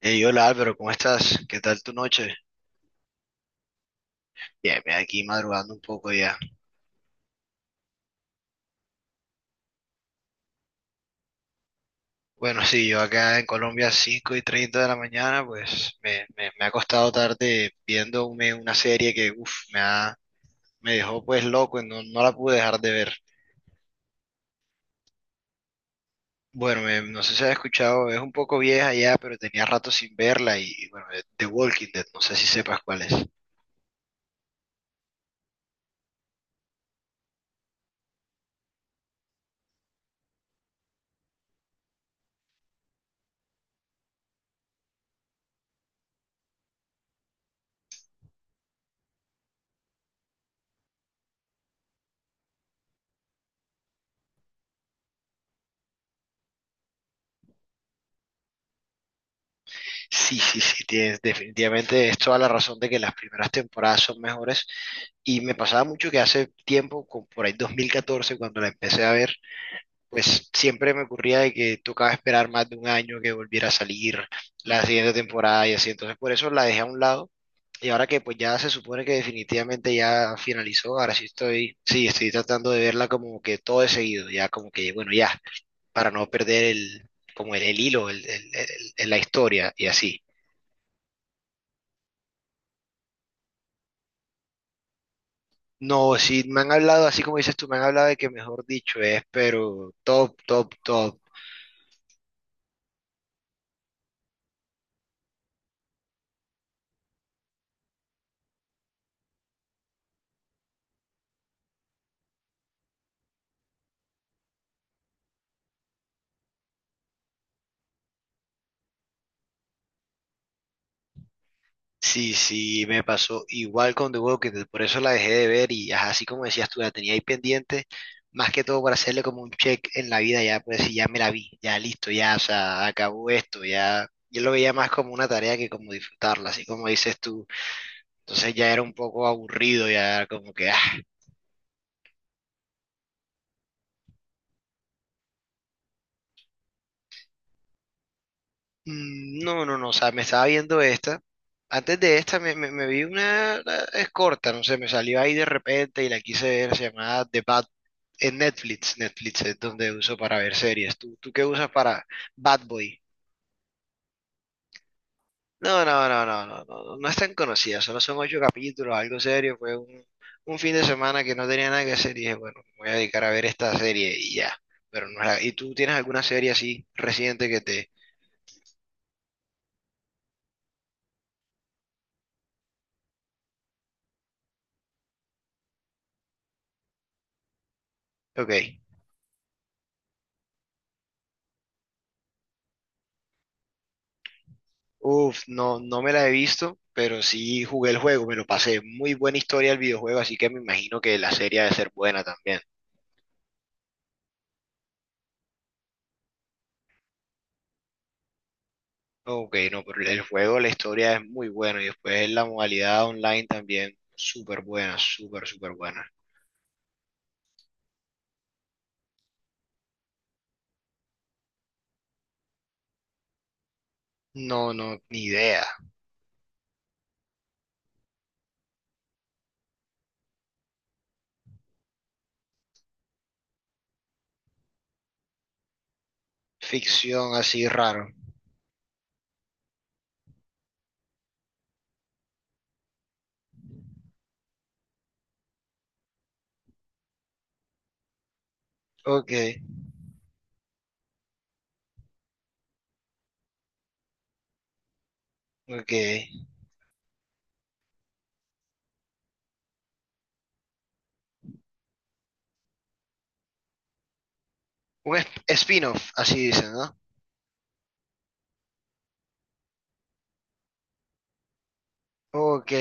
Hey, hola Álvaro, ¿cómo estás? ¿Qué tal tu noche? Bien, bien, aquí madrugando un poco ya. Bueno, sí, yo acá en Colombia 5:30 de la mañana, pues me ha costado tarde viéndome una serie que, uff, me dejó pues loco, no, no la pude dejar de ver. Bueno, no sé si has escuchado, es un poco vieja ya, pero tenía rato sin verla y bueno, The Walking Dead, no sé si sepas cuál es. Sí, sí, sí, tienes, definitivamente es toda la razón de que las primeras temporadas son mejores. Y me pasaba mucho que hace tiempo, como por ahí 2014, cuando la empecé a ver, pues siempre me ocurría de que tocaba esperar más de un año que volviera a salir la siguiente temporada y así. Entonces por eso la dejé a un lado. Y ahora que pues ya se supone que definitivamente ya finalizó, ahora sí estoy tratando de verla como que todo de seguido, ya como que, bueno, ya, para no perder como el hilo, la historia y así. No, sí, me han hablado, así como dices tú, me han hablado de que mejor dicho es, pero top, top, top. Sí, sí, me pasó igual con The Walking Dead, por eso la dejé de ver y ajá, así como decías tú, la tenía ahí pendiente, más que todo para hacerle como un check en la vida, ya pues sí, ya me la vi, ya listo, ya, o sea, acabó esto, ya, yo lo veía más como una tarea que como disfrutarla, así como dices tú, entonces ya era un poco aburrido, ya como que. No, no, no, o sea, me estaba viendo esta. Antes de esta me vi una, es corta, no sé, me salió ahí de repente y la quise ver, se llamaba The Bad, en Netflix es donde uso para ver series. ¿Tú qué usas para Bad Boy? No, no, no, no, no, no, no es tan conocida, solo son ocho capítulos, algo serio, fue un fin de semana que no tenía nada que hacer y dije, bueno, me voy a dedicar a ver esta serie y ya. Pero no, ¿y tú tienes alguna serie así reciente que te...? Ok. Uf, no, no me la he visto, pero sí jugué el juego, me lo pasé. Muy buena historia el videojuego, así que me imagino que la serie ha de ser buena también. Ok, no, pero el juego, la historia es muy buena y después la modalidad online también súper buena, súper, súper buena. No, no, ni idea. Ficción así raro. Ok, ok. Un spin-off, así dicen, ¿no? Ok,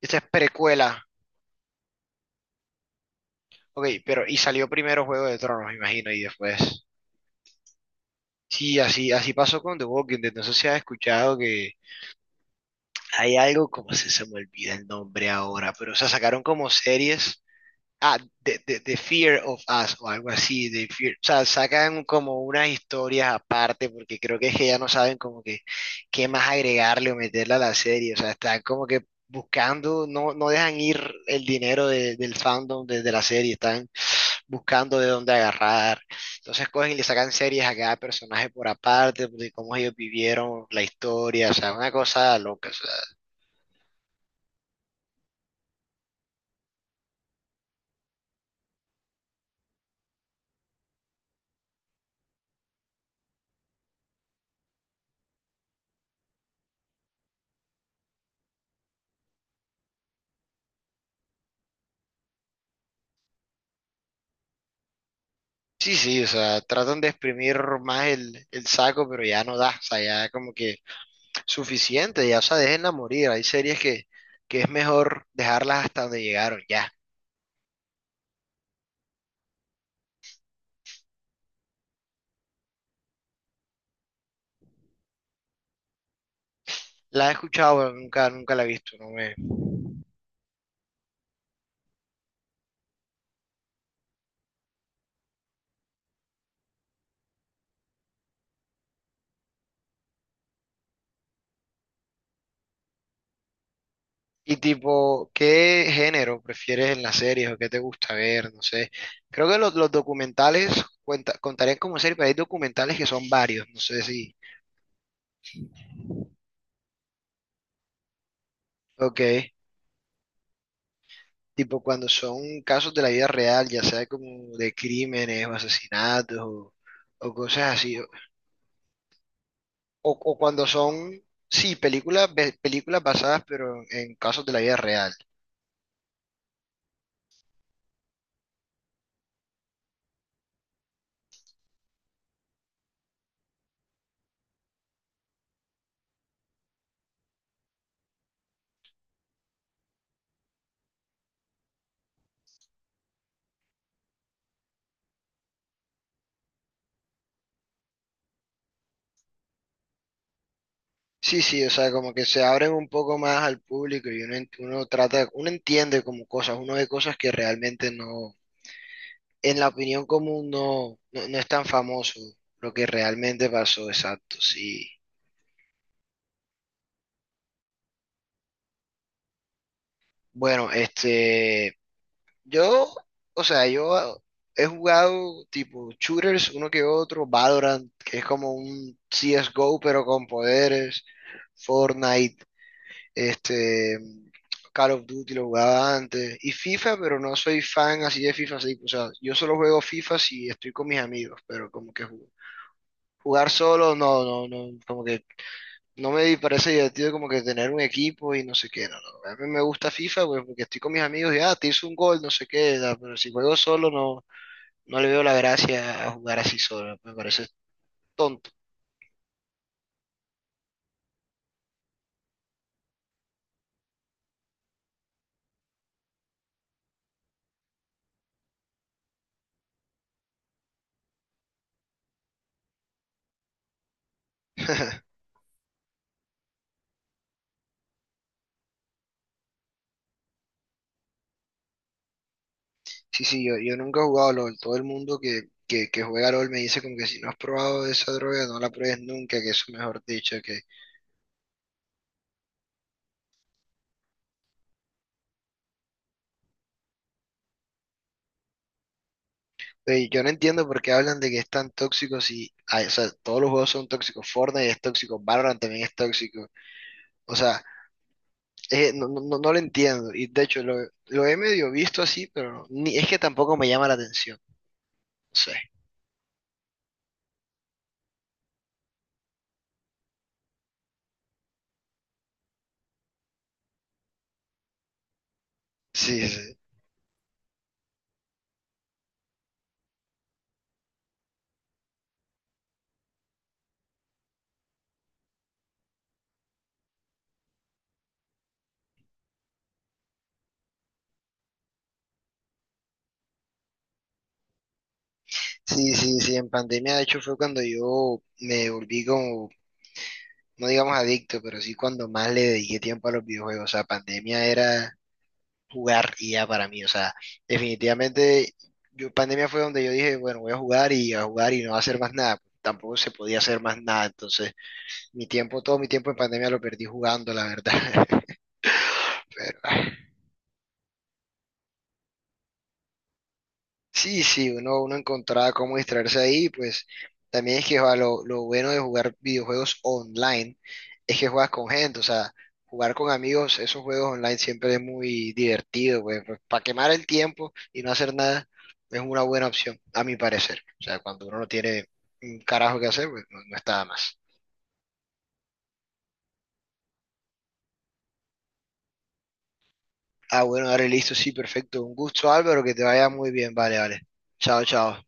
esta es precuela. Ok, pero y salió primero Juego de Tronos, me imagino, y después. Sí, así, así pasó con The Walking Dead. No sé si has escuchado que hay algo, como se me olvida el nombre ahora, pero o sea, sacaron como series. Ah, The Fear of Us o algo así. O sea, sacan como unas historias aparte porque creo que es que ya no saben como que qué más agregarle o meterle a la serie. O sea, están como que buscando, no, no dejan ir el dinero del fandom de la serie. Están buscando de dónde agarrar. Entonces cogen y le sacan series a cada personaje por aparte, de cómo ellos vivieron la historia, o sea, una cosa loca. O sea, sí, sí, o sea, tratan de exprimir más el saco, pero ya no da, o sea, ya como que suficiente, ya, o sea, déjenla morir. Hay series que es mejor dejarlas hasta donde llegaron, ya. La he escuchado, pero nunca, nunca la he visto, no me, Y tipo, ¿qué género prefieres en las series o qué te gusta ver? No sé. Creo que los documentales contarían como serie, pero hay documentales que son varios, no sé si. Ok. Tipo cuando son casos de la vida real, ya sea como de crímenes o asesinatos o cosas así. O cuando son, sí, películas, películas basadas pero en casos de la vida real. Sí, sí, o sea, como que se abren un poco más al público y uno, uno trata, uno entiende como cosas, uno ve cosas que realmente no, en la opinión común no, no, no es tan famoso lo que realmente pasó, exacto, sí. Bueno, yo, o sea, yo he jugado tipo shooters, uno que otro, Valorant, que es como un CSGO pero con poderes, Fortnite. Este, Call of Duty lo jugaba antes. Y FIFA, pero no soy fan así de FIFA, así, o sea, yo solo juego FIFA si estoy con mis amigos, pero como que jugar solo, no, no, no, como que no me parece divertido como que tener un equipo y no sé qué, no, no. A mí me gusta FIFA, pues porque estoy con mis amigos y, ah, te hice un gol, no sé qué, da, pero si juego solo, no, no le veo la gracia a jugar así solo, me parece tonto. Sí, sí, yo nunca he jugado LOL. Todo el mundo que juega LOL me dice como que si no has probado esa droga, no la pruebes nunca, que eso mejor dicho que... Oye, yo no entiendo por qué hablan de que es tan tóxico si... Ay, o sea, todos los juegos son tóxicos. Fortnite es tóxico, Valorant también es tóxico. O sea, no, no, no lo entiendo. Y de hecho, lo he medio visto así, pero no, ni, es que tampoco me llama la atención. No sé. Sí, sí, sí, sí, sí, en pandemia de hecho fue cuando yo me volví como no digamos adicto, pero sí cuando más le dediqué tiempo a los videojuegos. O sea, pandemia era jugar y ya para mí. O sea, definitivamente, yo, pandemia fue donde yo dije, bueno, voy a jugar y no a hacer más nada. Tampoco se podía hacer más nada. Entonces, mi tiempo, todo mi tiempo en pandemia lo perdí jugando, la verdad. Pero, Sí, sí, uno encontraba cómo distraerse ahí, pues también es que va, lo bueno de jugar videojuegos online es que juegas con gente, o sea, jugar con amigos, esos juegos online siempre es muy divertido, pues, para quemar el tiempo y no hacer nada es una buena opción, a mi parecer. O sea, cuando uno no tiene un carajo que hacer, pues no, no está de más. Ah, bueno, dale, listo, sí, perfecto. Un gusto, Álvaro, que te vaya muy bien, vale, vale. Chao, chao.